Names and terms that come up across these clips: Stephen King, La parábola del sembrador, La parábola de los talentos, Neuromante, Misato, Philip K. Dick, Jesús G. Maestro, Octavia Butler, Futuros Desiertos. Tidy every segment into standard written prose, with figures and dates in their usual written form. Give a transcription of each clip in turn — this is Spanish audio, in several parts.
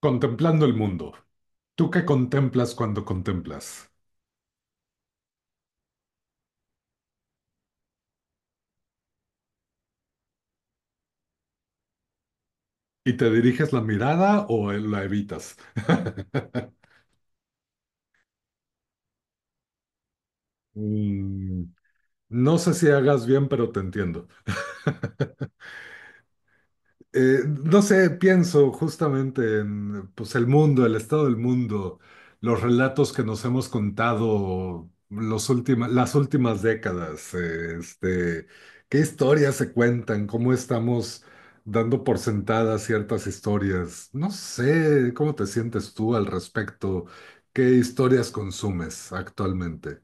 Contemplando el mundo. ¿Tú qué contemplas cuando contemplas? ¿Y te diriges la mirada o la evitas? Mm, No sé si hagas bien, pero te entiendo. No sé, pienso justamente en pues, el mundo, el estado del mundo, los relatos que nos hemos contado los las últimas décadas, qué historias se cuentan, cómo estamos dando por sentadas ciertas historias. No sé, ¿cómo te sientes tú al respecto? ¿Qué historias consumes actualmente?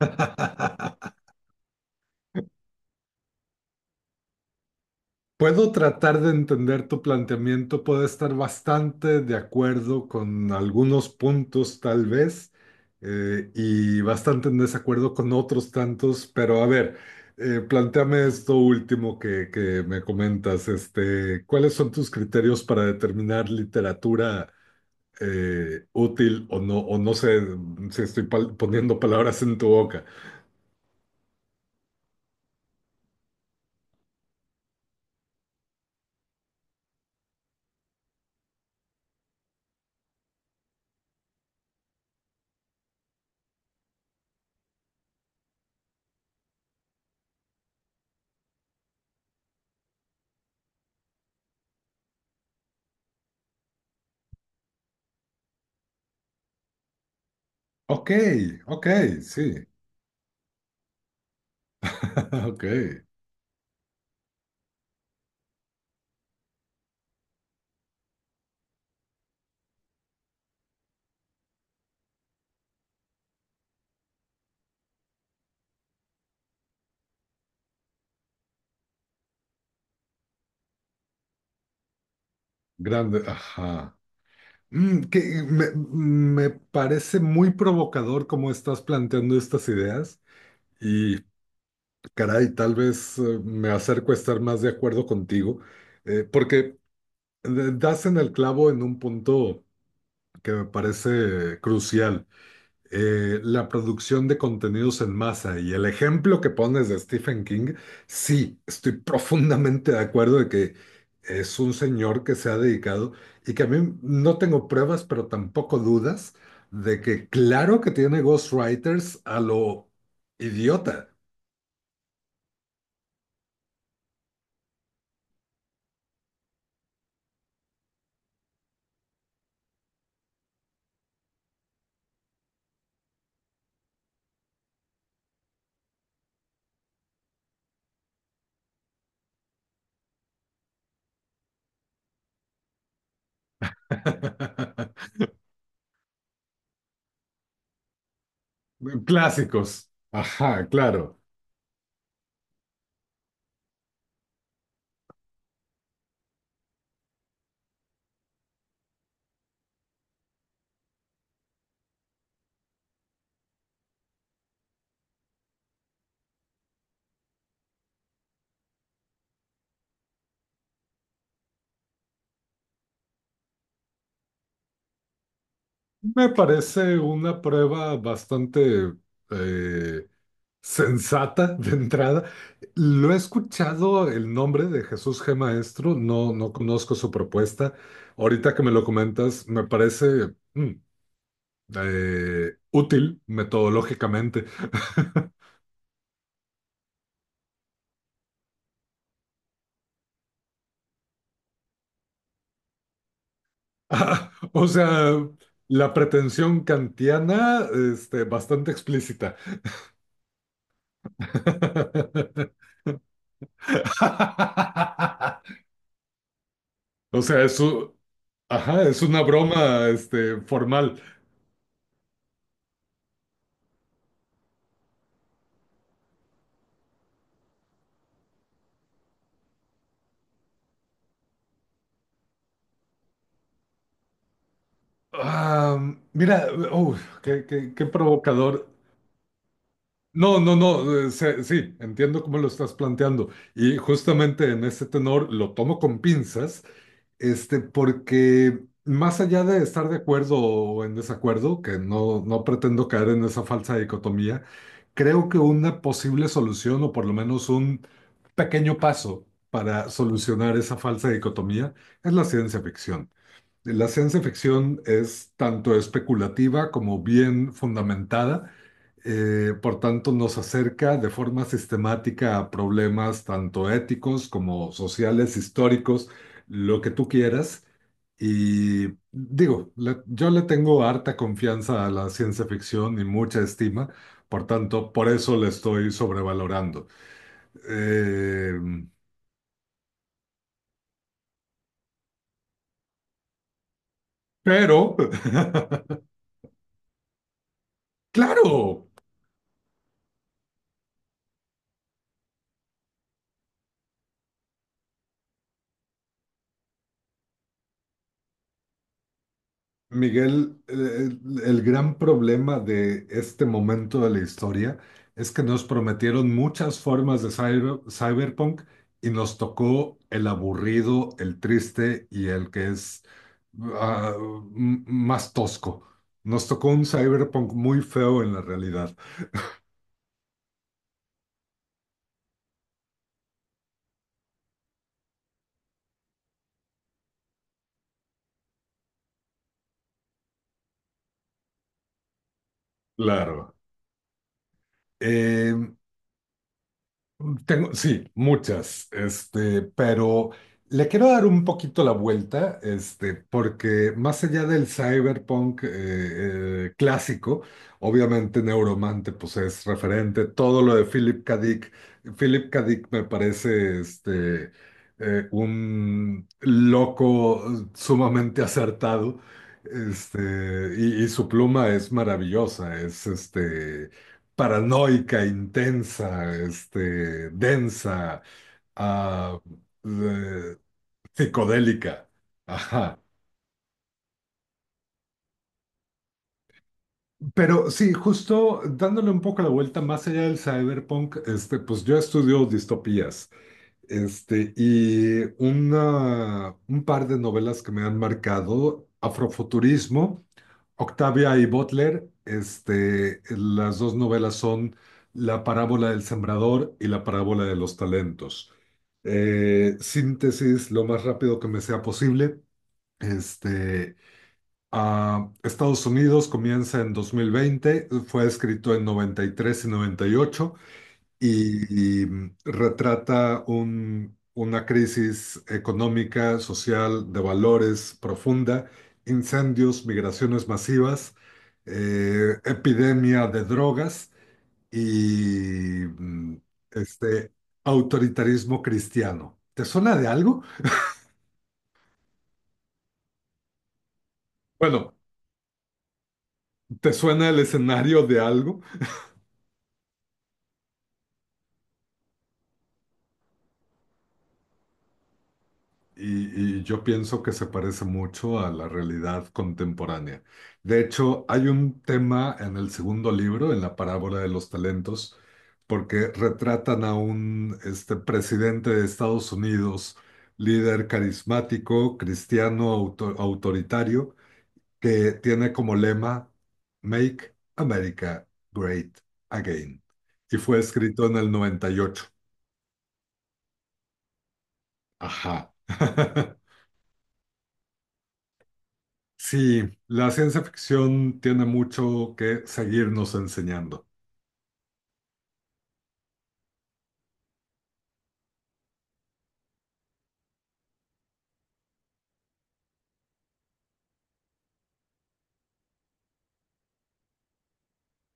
Puedo tratar de entender tu planteamiento, puedo estar bastante de acuerdo con algunos puntos tal vez, y bastante en desacuerdo con otros tantos, pero a ver, plantéame esto último que me comentas, ¿cuáles son tus criterios para determinar literatura útil o no? O no sé si estoy poniendo palabras en tu boca. Ok, ok, sí, ok, grande, ajá. Que me parece muy provocador cómo estás planteando estas ideas, y caray, tal vez me acerco a estar más de acuerdo contigo, porque das en el clavo en un punto que me parece crucial, la producción de contenidos en masa y el ejemplo que pones de Stephen King. Sí, estoy profundamente de acuerdo de que es un señor que se ha dedicado, y que, a mí no tengo pruebas, pero tampoco dudas de que claro que tiene ghostwriters a lo idiota. Clásicos. Ajá, claro. Me parece una prueba bastante, eh, sensata de entrada. Lo he escuchado el nombre de Jesús G. Maestro, no, no conozco su propuesta. Ahorita que me lo comentas, me parece útil metodológicamente. Ah, o sea, la pretensión kantiana, bastante explícita. O sea, ajá, es una broma, formal. Ah, mira, qué provocador. No, no, no, sí, entiendo cómo lo estás planteando. Y justamente en ese tenor lo tomo con pinzas, porque más allá de estar de acuerdo o en desacuerdo, que no, no pretendo caer en esa falsa dicotomía, creo que una posible solución, o por lo menos un pequeño paso para solucionar esa falsa dicotomía, es la ciencia ficción. La ciencia ficción es tanto especulativa como bien fundamentada, por tanto nos acerca de forma sistemática a problemas tanto éticos como sociales, históricos, lo que tú quieras. Y digo, yo le tengo harta confianza a la ciencia ficción y mucha estima, por tanto, por eso la estoy sobrevalorando. Eh, pero, claro. Miguel, el gran problema de este momento de la historia es que nos prometieron muchas formas de cyberpunk, y nos tocó el aburrido, el triste y el que es ah, más tosco. Nos tocó un cyberpunk muy feo en la realidad. Claro. Tengo, sí, muchas, pero le quiero dar un poquito la vuelta, porque más allá del cyberpunk clásico, obviamente Neuromante pues es referente, todo lo de Philip K. Dick. Philip K. Dick me parece un loco, sumamente acertado, y su pluma es maravillosa, es paranoica, intensa, densa, ah, eh, psicodélica. Ajá. Pero sí, justo dándole un poco la vuelta más allá del cyberpunk, pues yo estudio distopías. Y un par de novelas que me han marcado, Afrofuturismo, Octavia y Butler, las dos novelas son La parábola del sembrador y La parábola de los talentos. Síntesis lo más rápido que me sea posible. Este, Estados Unidos comienza en 2020, fue escrito en 93 y 98, 98, y retrata una crisis económica, social, de valores profunda, incendios, migraciones masivas, epidemia de drogas y este autoritarismo cristiano. ¿Te suena de algo? Bueno, ¿te suena el escenario de algo? Y yo pienso que se parece mucho a la realidad contemporánea. De hecho, hay un tema en el segundo libro, en La parábola de los talentos, porque retratan a un, presidente de Estados Unidos, líder carismático, cristiano, autoritario, que tiene como lema Make America Great Again. Y fue escrito en el 98. Ajá. Sí, la ciencia ficción tiene mucho que seguirnos enseñando.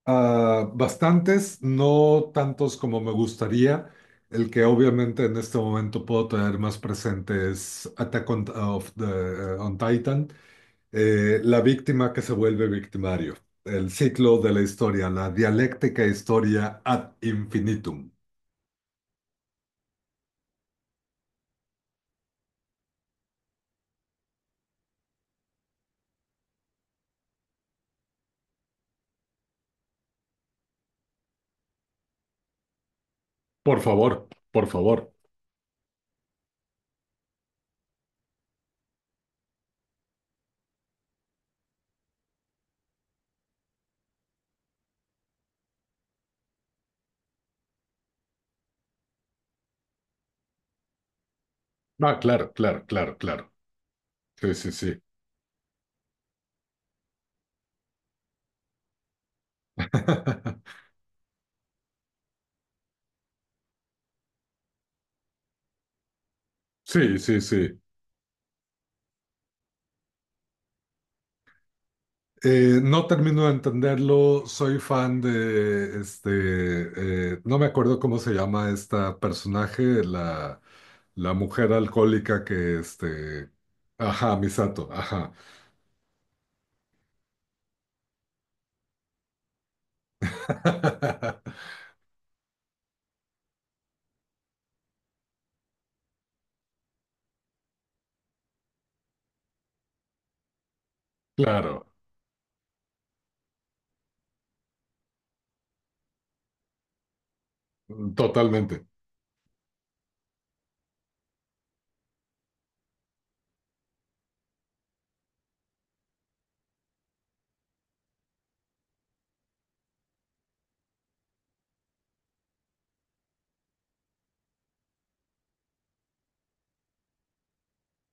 Ah, bastantes, no tantos como me gustaría. El que obviamente en este momento puedo tener más presente es Attack on Titan. La víctima que se vuelve victimario. El ciclo de la historia, la dialéctica historia ad infinitum. Por favor, por favor. Ah, claro, claro, claro, claro. Sí, sí, sí. Sí, sí, sí. No termino de entenderlo, soy fan de no me acuerdo cómo se llama esta personaje, la mujer alcohólica que ajá, Misato. Ajá. Claro, totalmente.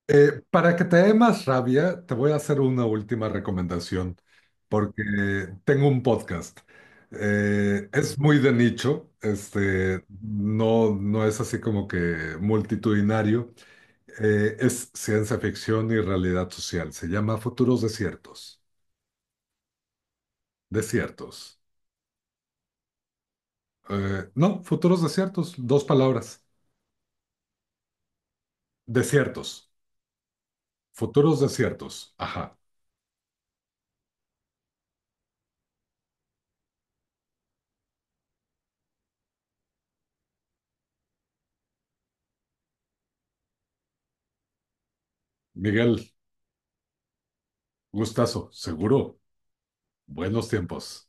Para que te dé más rabia, te voy a hacer una última recomendación, porque tengo un podcast. Es muy de nicho, no, no es así como que multitudinario. Es ciencia ficción y realidad social. Se llama Futuros Desiertos. Desiertos. No, Futuros Desiertos, dos palabras. Desiertos. Futuros Desiertos. Ajá. Miguel, gustazo, seguro. Buenos tiempos.